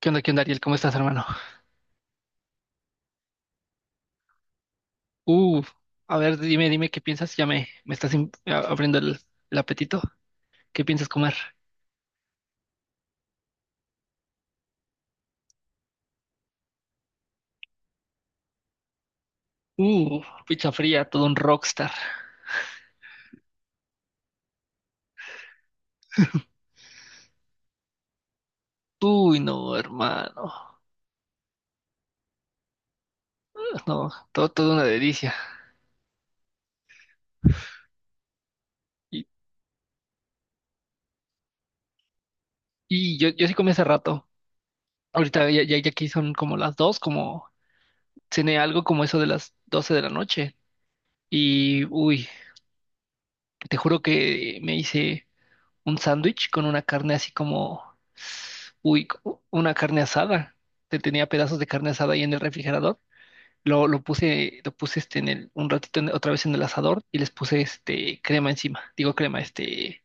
Qué onda, Ariel? ¿Cómo estás, hermano? Uh, a ver, dime qué piensas. Ya me estás abriendo el apetito. ¿Qué piensas comer? Uh, Pizza fría, todo un rockstar. Uy, no, hermano. No, todo, todo una delicia. Y, y yo sí comí hace rato. Ahorita ya aquí son como las 2, como cené algo como eso de las 12 de la noche. Y, uy, te juro que me hice un sándwich con una carne así como, uy, una carne asada. Te tenía pedazos de carne asada ahí en el refrigerador. Lo puse, este en un ratito otra vez en el asador y les puse este crema encima. Digo crema, este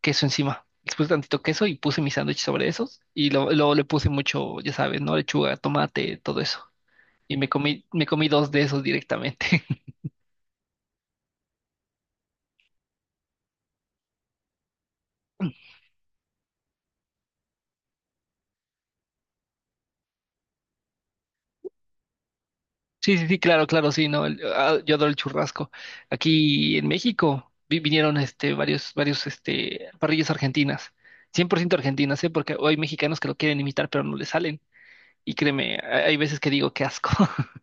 queso encima. Les puse tantito queso y puse mi sándwich sobre esos. Y luego le puse mucho, ya sabes, ¿no? Lechuga, tomate, todo eso. Y me comí dos de esos directamente. Sí, sí, sí, claro, claro, sí, no, ah, yo adoro el churrasco. Aquí en México vinieron este varios este parrillas argentinas, 100% argentinas, ¿eh? Porque hay mexicanos que lo quieren imitar pero no le salen. Y créeme, hay veces que digo qué asco.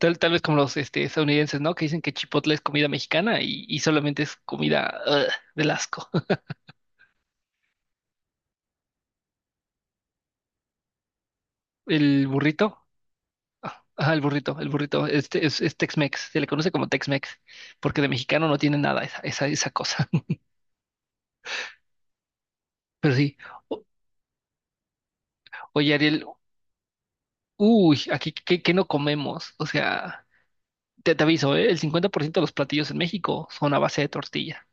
Tal vez como los este, estadounidenses, ¿no? Que dicen que Chipotle es comida mexicana y solamente es comida ugh, del asco. El burrito, ah, ajá, el burrito, este es Tex-Mex, se le conoce como Tex-Mex, porque de mexicano no tiene nada esa cosa. Pero sí. Oye, Ariel, uy, aquí, ¿qué no comemos? O sea, te aviso, ¿eh? El 50% de los platillos en México son a base de tortilla.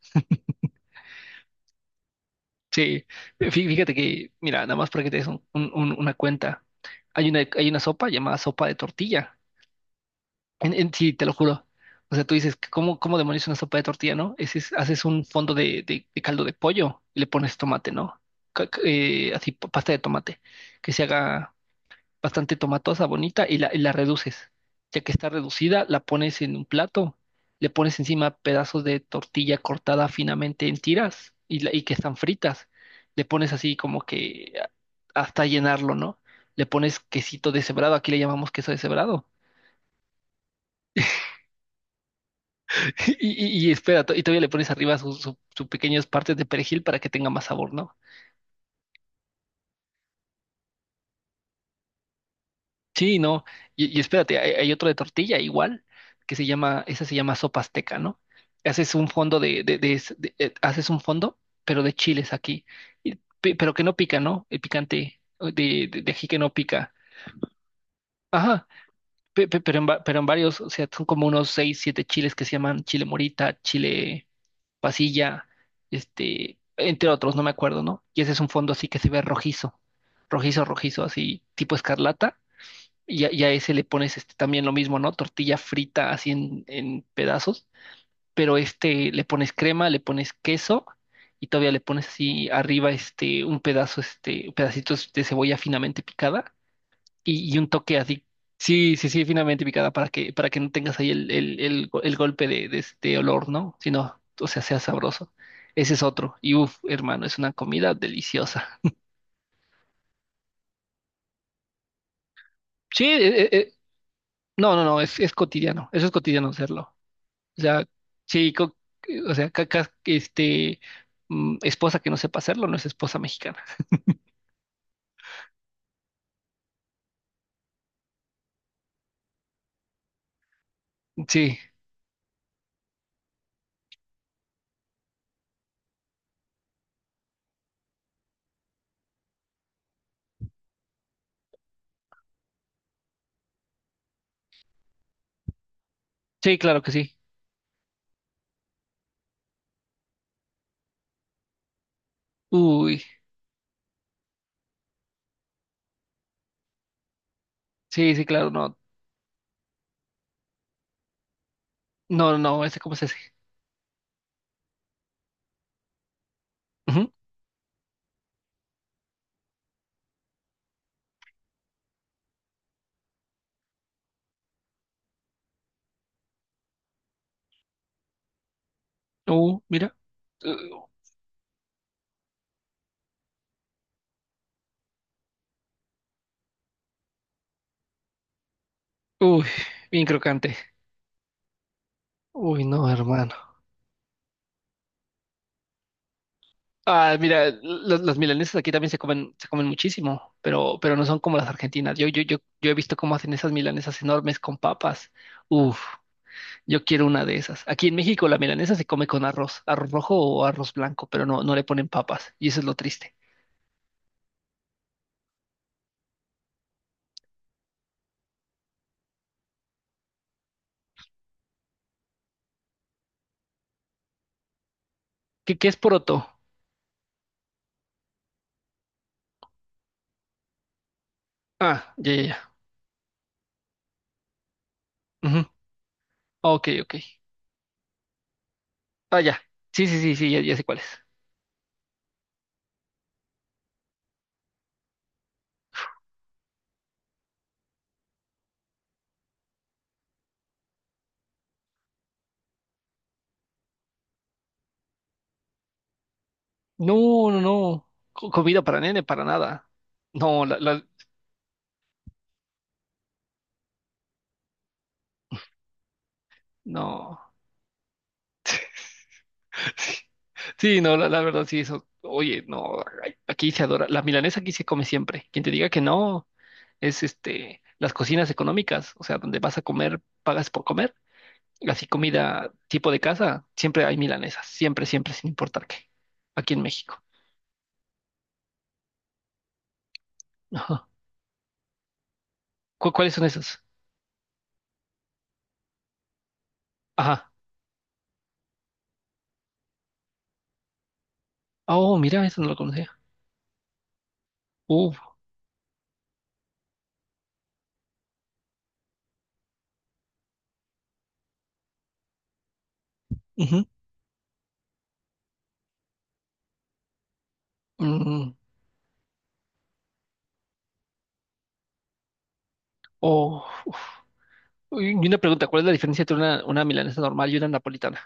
Sí, fíjate que, mira, nada más para que te des una cuenta, hay una sopa llamada sopa de tortilla. Sí, te lo juro. O sea, tú dices, ¿cómo demonios una sopa de tortilla, no? Haces un fondo de caldo de pollo y le pones tomate, ¿no? Así, pasta de tomate, que se haga bastante tomatosa, bonita, y la reduces. Ya que está reducida, la pones en un plato, le pones encima pedazos de tortilla cortada finamente en tiras y, y que están fritas. Le pones así como que hasta llenarlo, ¿no? Le pones quesito deshebrado, aquí le llamamos queso deshebrado. Y espera, y todavía le pones arriba sus pequeñas partes de perejil para que tenga más sabor, ¿no? Sí, no. Y espérate, hay otro de tortilla igual, que se llama, esa se llama sopa azteca, ¿no? Haces un fondo haces un fondo, pero de chiles aquí. Y pero que no pica, ¿no? El picante de aquí que no pica. Ajá, pero en varios, o sea, son como unos seis, siete chiles que se llaman chile morita, chile pasilla, este, entre otros, no me acuerdo, ¿no? Y ese es un fondo así que se ve rojizo, rojizo, rojizo, así tipo escarlata y a ese le pones este, también lo mismo, ¿no? Tortilla frita así en pedazos, pero este le pones crema, le pones queso y todavía le pones así arriba este un pedazo, este pedacitos de cebolla finamente picada y un toque así, sí, sí, sí, finamente picada para que no tengas ahí el golpe de este olor, ¿no? Sino, o sea, sabroso. Ese es otro. Y uff, hermano, es una comida deliciosa. Sí, no, no, no, es cotidiano. Eso es cotidiano hacerlo. O sea, sí, o sea, cacas, este, esposa que no sepa hacerlo no es esposa mexicana. Sí, sí, claro que sí. Uy, sí, sí, claro, no, no, no, ese cómo se hace. Ujú. Mira. Uh, Uy, bien crocante. Uy, no, hermano. Ah, mira, los milanesas aquí también se comen, muchísimo, pero no son como las argentinas. Yo he visto cómo hacen esas milanesas enormes con papas. Uf. Yo quiero una de esas. Aquí en México la milanesa se come con arroz, arroz rojo o arroz blanco, pero no, no le ponen papas. Y eso es lo triste. ¿Qué es poroto? Ah, ya, ya, ya. Ujú. Ok, ok. Ah, ya. Sí, sí, sí, sí, ya, ya sé cuál es. No, no, no. Comida para nene, para nada. No, no. Sí, no, la verdad, sí, eso. Oye, no, ay, aquí se adora. La milanesa aquí se come siempre. Quien te diga que no, es este, las cocinas económicas, o sea, donde vas a comer, pagas por comer. Así comida tipo de casa, siempre hay milanesas, siempre, siempre, sin importar qué, aquí en México. Ajá. Cuáles son esas? Ajá. Oh, mira, eso no lo conocía. Uf, ujú, mm, oh, uf. Y una pregunta, ¿cuál es la diferencia entre una milanesa normal y una napolitana?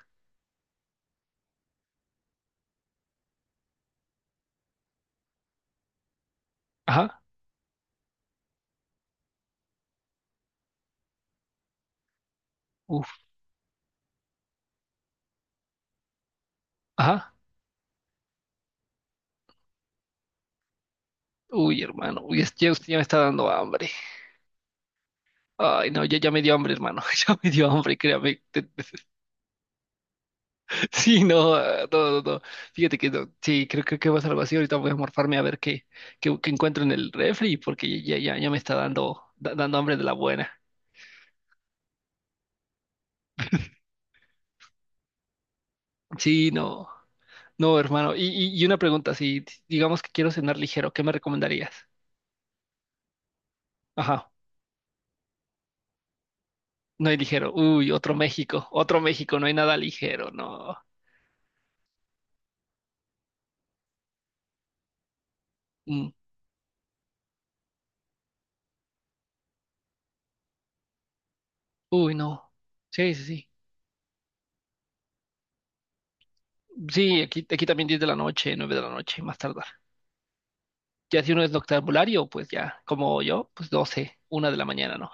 Ajá, uf, ajá. Uy, hermano, uy, ya usted ya me está dando hambre. Ay, no, ya me dio hambre, hermano, ya me dio hambre, créame. Sí, no, ah, no, no, no. Fíjate que no. Sí, creo que va a ser algo así. Ahorita voy a morfarme a ver qué encuentro en el refri, porque ya me está dando, dando hambre de la buena. Sí, no, no, hermano. Y una pregunta, si si, digamos que quiero cenar ligero, ¿qué me recomendarías? Ajá, no hay ligero. Uy, otro México, no hay nada ligero, no. Mm. Uy, no. Sí, sí, sí. Sí, aquí también 10 de la noche, 9 de la noche, más tardar. Ya si uno es noctambulario, pues ya, como yo, pues 12, 1 de la mañana, ¿no?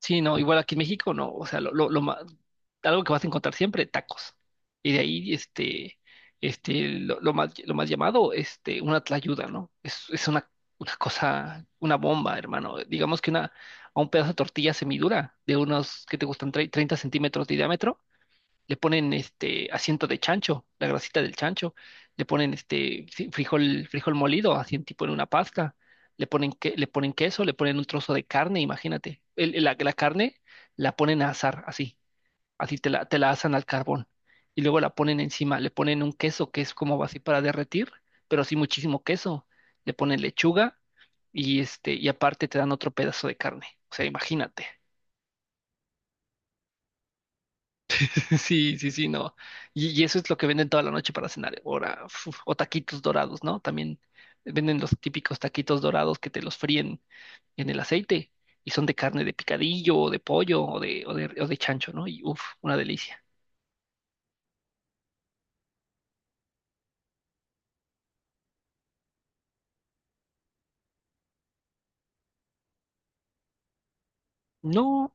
Sí, no, igual aquí en México, no, o sea, algo que vas a encontrar siempre, tacos. Y de ahí, este, este, lo más llamado, este, una tlayuda, ¿no? Es una, cosa, una bomba, hermano. Digamos que a un pedazo de tortilla semidura de unos, que te gustan? 30 centímetros de diámetro, le ponen este asiento de chancho, la grasita del chancho, le ponen este frijol, frijol molido, así en tipo en una pasta, le ponen le ponen queso, le ponen un trozo de carne, imagínate. La carne la ponen a asar, así, así te la asan al carbón. Y luego la ponen encima, le ponen un queso que es como así para derretir, pero sí muchísimo queso. Le ponen lechuga y este, y aparte te dan otro pedazo de carne. O sea, imagínate. Sí, sí, sí, no. Y eso es lo que venden toda la noche para cenar. Ahora, uf, o taquitos dorados, ¿no? También venden los típicos taquitos dorados que te los fríen en el aceite y son de carne de picadillo o de pollo o de chancho, ¿no? Y uff, una delicia. No,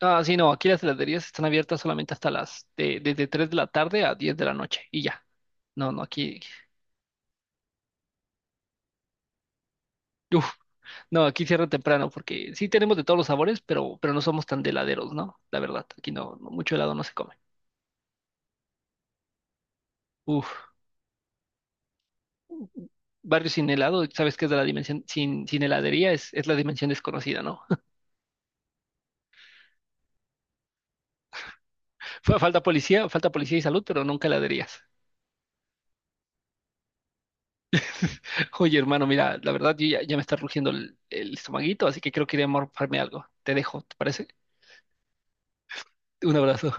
ah, sí, no, aquí las heladerías están abiertas solamente desde 3 de la tarde a 10 de la noche y ya. No, no, aquí, uf, no, aquí cierra temprano porque sí tenemos de todos los sabores, pero no somos tan de heladeros, ¿no? La verdad, aquí no, no mucho helado no se come. Uf, barrio sin helado, sabes que es de la dimensión, sin heladería es la dimensión desconocida, ¿no? Fue falta policía y salud, pero nunca heladerías. Oye, hermano, mira, la verdad yo ya me está rugiendo el estomaguito, así que creo que iré a morfarme algo. Te dejo, ¿te parece? Un abrazo.